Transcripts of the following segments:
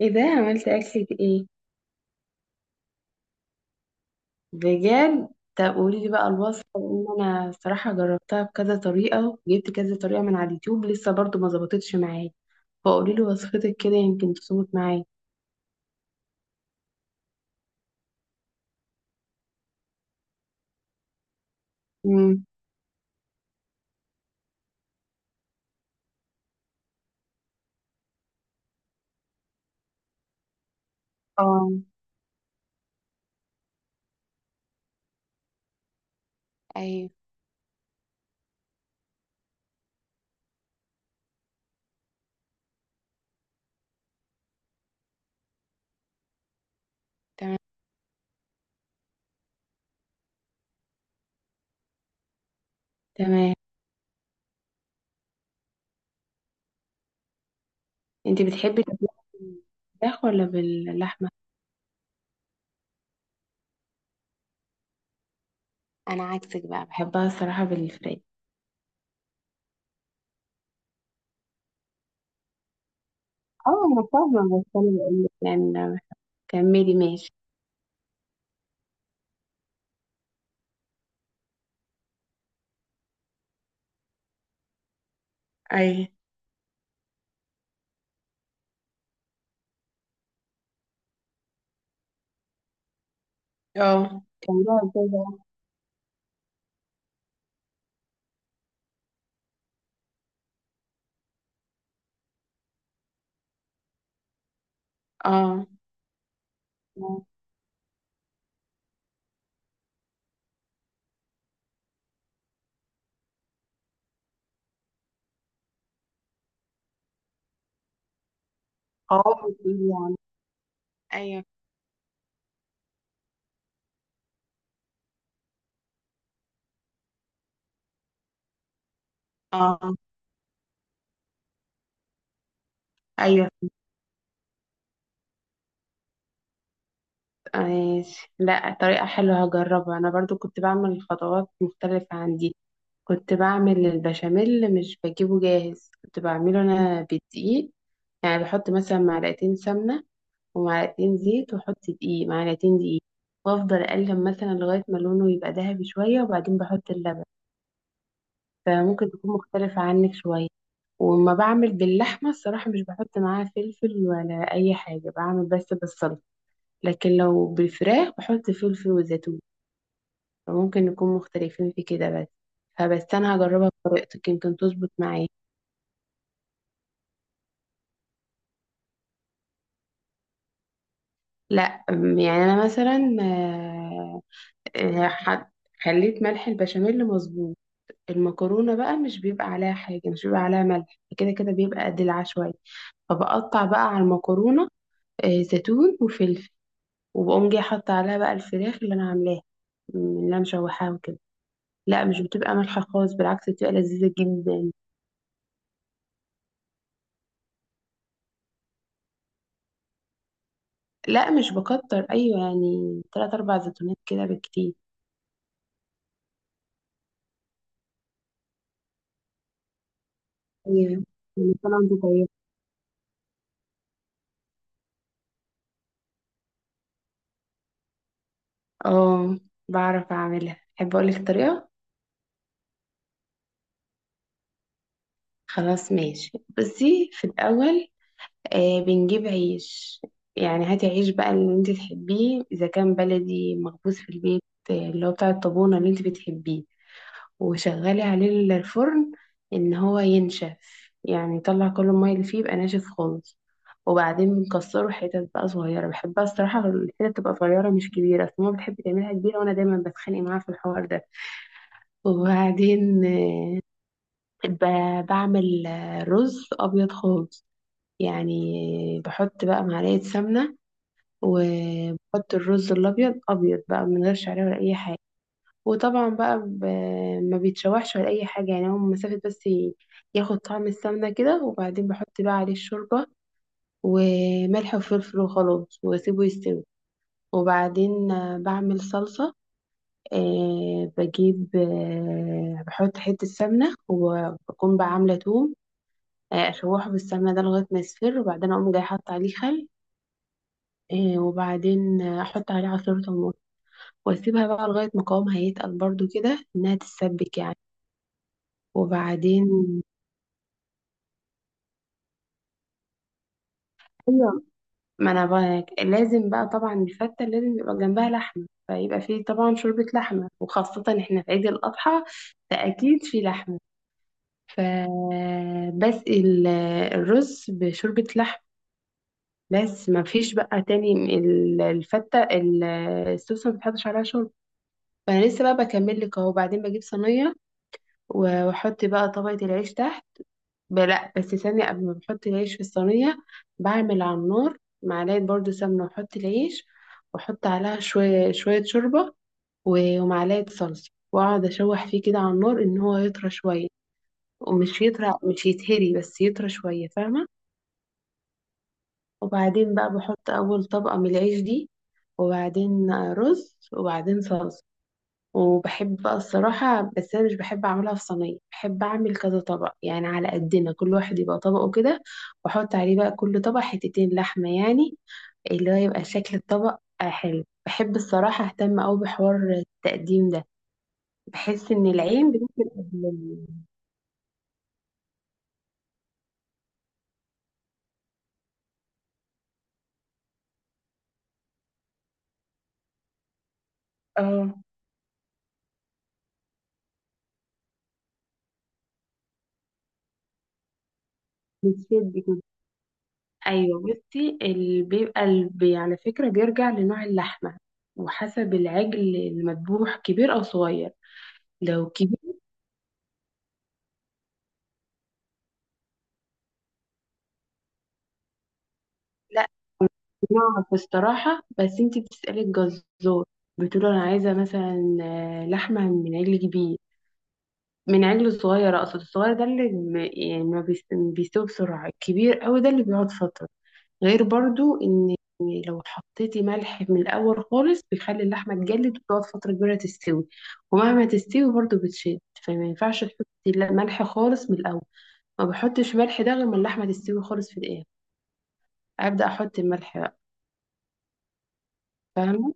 ايه ده؟ عملت اكلة ايه؟ بجد؟ طب قولي لي بقى الوصفة، لان انا صراحة جربتها بكذا طريقة، جبت كذا طريقة من على اليوتيوب لسه برضو ما ظبطتش معايا. فقولي لي وصفتك كده يمكن تظبط معايا. امم. اه. ايوه. تمام. تمام. انت بتحبي تاكليها بالفراخ ولا باللحمة؟ انا عكسك بقى، بحبها الصراحة بالفراخ. اه انا فاهمة، بس انا بقول لك يعني. كملي ماشي. ايوه. اه، كمليها ازاي بقى. اه. اه بتقولي يعني. ايوه. اه. ايوه ماشي. لا طريقة حلوة، هجربها، انا برضو كنت بعمل خطوات مختلفة عن دي. كنت بعمل البشاميل مش بجيبه جاهز، كنت بعمله انا بالدقيق. يعني بحط مثلا معلقتين سمنة، ومعلقتين زيت، واحط معلقتين دقيق، وافضل اقلب مثلا لغاية ما لونه يبقى ذهبي شوية، وبعدين بحط اللبن. فممكن تكون مختلفة عنك شوية. وما بعمل باللحمة الصراحة مش بحط معاها فلفل ولا اي حاجة، بعمل بس بالصلصة. لكن لو بالفراخ بحط فلفل وزيتون. فممكن نكون مختلفين في كده بس. فبس انا هجربها بطريقتك يمكن تظبط معايا. لا يعني انا مثلا آه، ح- خليت ملح البشاميل مظبوط. المكرونه بقى مش بيبقى عليها حاجه، مش بيبقى عليها ملح، كده كده بيبقى دلع شويه. فبقطع بقى على المكرونه زيتون وفلفل، وبقوم جاي حاطه عليها بقى الفراخ اللي انا عاملاها، اللي انا مشوحاها وكده. لا مش بتبقى مالحه خالص، بالعكس بتبقى لذيذه جدا. لا مش بكتر، ايوه يعني تلات اربع زيتونات كده بالكتير. ايوه يعني كان عندي طيب. اه بعرف اعملها، احب اقولك الطريقه. خلاص ماشي. بصي، في الاول بنجيب عيش. يعني هاتي عيش بقى اللي انت تحبيه، اذا كان بلدي مخبوز في البيت اللي هو بتاع الطابونه اللي انت بتحبيه. وشغلي عليه الفرن ان هو ينشف، يعني يطلع كل المية اللي فيه، يبقى ناشف خالص. وبعدين بنكسره حتت بقى صغيرة، بحبها الصراحة الحتت تبقى صغيرة مش كبيرة، أصل ماما بتحب تعملها كبيرة وأنا دايما بتخانق معاها في الحوار ده. وبعدين بعمل رز أبيض خالص. يعني بحط بقى معلقة سمنة، وبحط الرز الأبيض أبيض بقى، من غير شعرية ولا أي حاجة. وطبعا بقى ما بيتشوحش ولا اي حاجه، يعني هو مسافه بس ياخد طعم السمنه كده. وبعدين بحط بقى عليه الشوربه وملح وفلفل، وخلاص واسيبه يستوي. وبعدين بعمل صلصه. أه بجيب أه بحط حته سمنه، وبكون بقى عامله توم اشوحه بالسمنه ده لغايه ما يصفر، وبعدين اقوم جاي حاطه عليه خل. وبعدين احط عليه عصير طماطم، واسيبها بقى لغايه ما قوامها يتقل برضو كده، انها تتسبك يعني. وبعدين ايوه، ما انا بقى لازم بقى طبعا الفته لازم يبقى جنبها لحمه، فيبقى فيه طبعا شوربه لحمه، وخاصه احنا في عيد الاضحى فاكيد في لحمه. فبسقي الرز بشوربه لحمه. بس ما فيش بقى تاني، الفته السوسه ما بتحطش عليها شوربه. فانا لسه بقى بكمل لك اهو. بعدين بجيب صينيه واحط بقى طبقه العيش تحت. لا بس ثانية، قبل ما بحط العيش في الصينية، بعمل على النار معلقة برضو سمنة، وأحط العيش وأحط عليها شوية شوية شوربة ومعلقة صلصة، وأقعد أشوح فيه كده على النار إن هو يطرى شوية. ومش يطرى، مش يتهري بس يطرى شوية، فاهمة. وبعدين بقى بحط أول طبقة من العيش دي، وبعدين رز، وبعدين صلصة. وبحب الصراحة، بس أنا مش بحب أعملها في صينية، بحب أعمل كذا طبق يعني على قدنا، كل واحد يبقى طبقه كده. وأحط عليه بقى كل طبق حتتين لحمة يعني. اللي هو يبقى شكل الطبق حلو. بحب الصراحة أهتم أوي بحوار التقديم ده، بحس إن العين بتفرق قبل اه، بتشد كده. أيوة، بصي، اللي بيبقى على فكرة بيرجع لنوع اللحمة، وحسب العجل المذبوح كبير أو صغير. لو كبير، نعرف الصراحة بس انتي بتسألي الجزار، بتقول انا عايزة مثلا لحمة من عجل كبير، من عجل صغير. اقصد الصغير ده اللي يعني ما بيس- بيستوي بسرعة، الكبير قوي ده اللي بيقعد فترة. غير برضو ان لو حطيتي ملح من الاول خالص بيخلي اللحمة تجلد وتقعد فترة كبيرة تستوي، ومهما تستوي برضو بتشد. فما ينفعش تحطي ملح خالص من الاول، ما بحطش ملح ده غير ما اللحمة تستوي خالص في الاخر، ابدأ احط الملح بقى، فاهمة.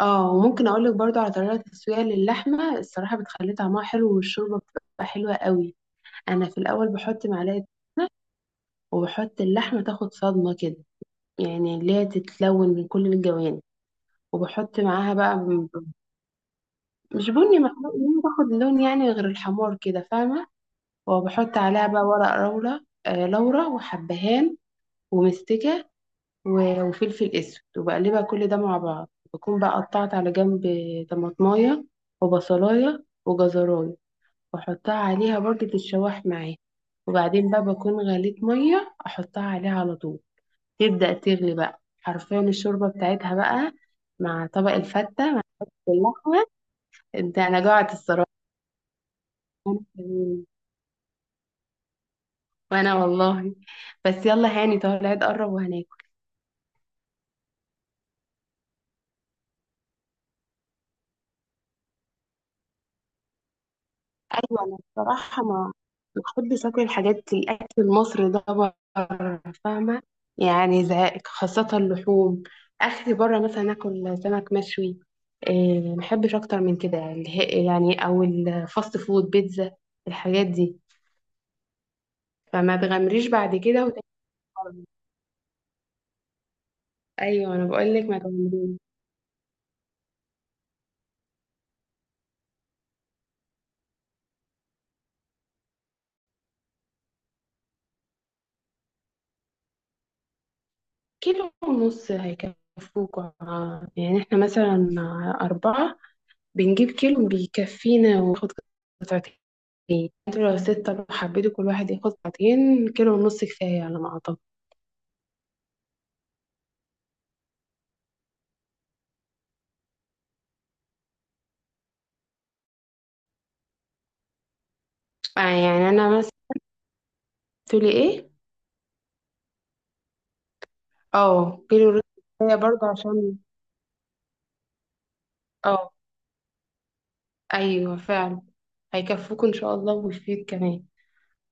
اه، وممكن اقول لك برضو على طريقه تسويه للحمه، الصراحه بتخلي طعمها حلو والشوربه بتبقى حلوه قوي. انا في الاول بحط معلقه سمنه، وبحط اللحمه تاخد صدمه كده، يعني اللي هي تتلون من كل الجوانب. وبحط معاها بقى مش بني محروق يعني، باخد لون يعني غير الحمار كده، فاهمه. وبحط عليها بقى ورق لورا وحبهان ومستكه وفلفل اسود، وبقلبها كل ده مع بعض. بكون بقى قطعت على جنب طماطمايه وبصلايه وجزرايه، واحطها عليها برضه تتشوح معايا. وبعدين بقى بكون غليت ميه احطها عليها على طول، تبدأ تغلي بقى حرفيا الشوربه بتاعتها بقى مع طبق الفتة مع اللحمة. انا جوعت الصراحة. وانا كمان. وأنا والله، بس يلا هاني طالع قرب وهناك. ايوه، انا بصراحه ما بحبش اكل الاكل المصري ده بره، فاهمه. يعني زهق، خاصه اللحوم. اخري بره مثلا اكل سمك مشوي، إيه، ما بحبش اكتر من كده، يعني او الفاست فود، بيتزا، الحاجات دي. فما تغامريش بعد كده وتاني مرة. ايوه انا بقول لك ما تغامريش. كيلو ونص هيكفوك. يعني احنا مثلا اربعه بنجيب كيلو بيكفينا وناخد قطعتين. انتوا لو ستة، لو حبيتوا كل واحد ياخد ساعتين، كيلو ونص كفاية على ما أعتقد. يعني أنا مثلا، تقولي إيه؟ اه، كيلو ونص كفاية برضه، عشان اه، أيوه فعلا هيكفوكوا إن شاء الله ويفيد كمان.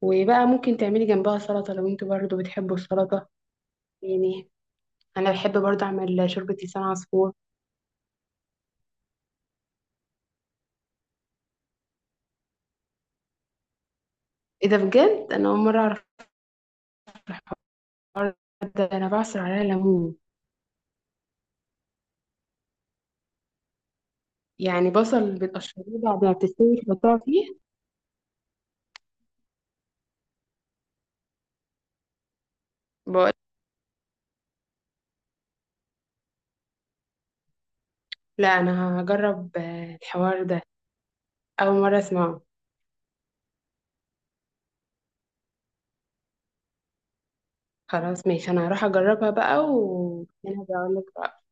وبقى ممكن تعملي جنبها سلطة لو انتوا برضه بتحبوا السلطة يعني. أنا بحب برضه أعمل شوربة لسان عصفور. إيه ده بجد؟ أنا أول مرة أعرف الحوار ده. أنا بعصر عليها ليمون، يعني بصل بتقشريه بعد ما بتستوي تحطها فيه. لا انا هجرب الحوار ده، اول مره اسمعه. خلاص ماشي، انا هروح اجربها بقى وهنا بقول لك بقى.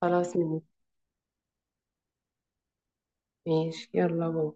خلاص ماشي. ماشي يلا باي.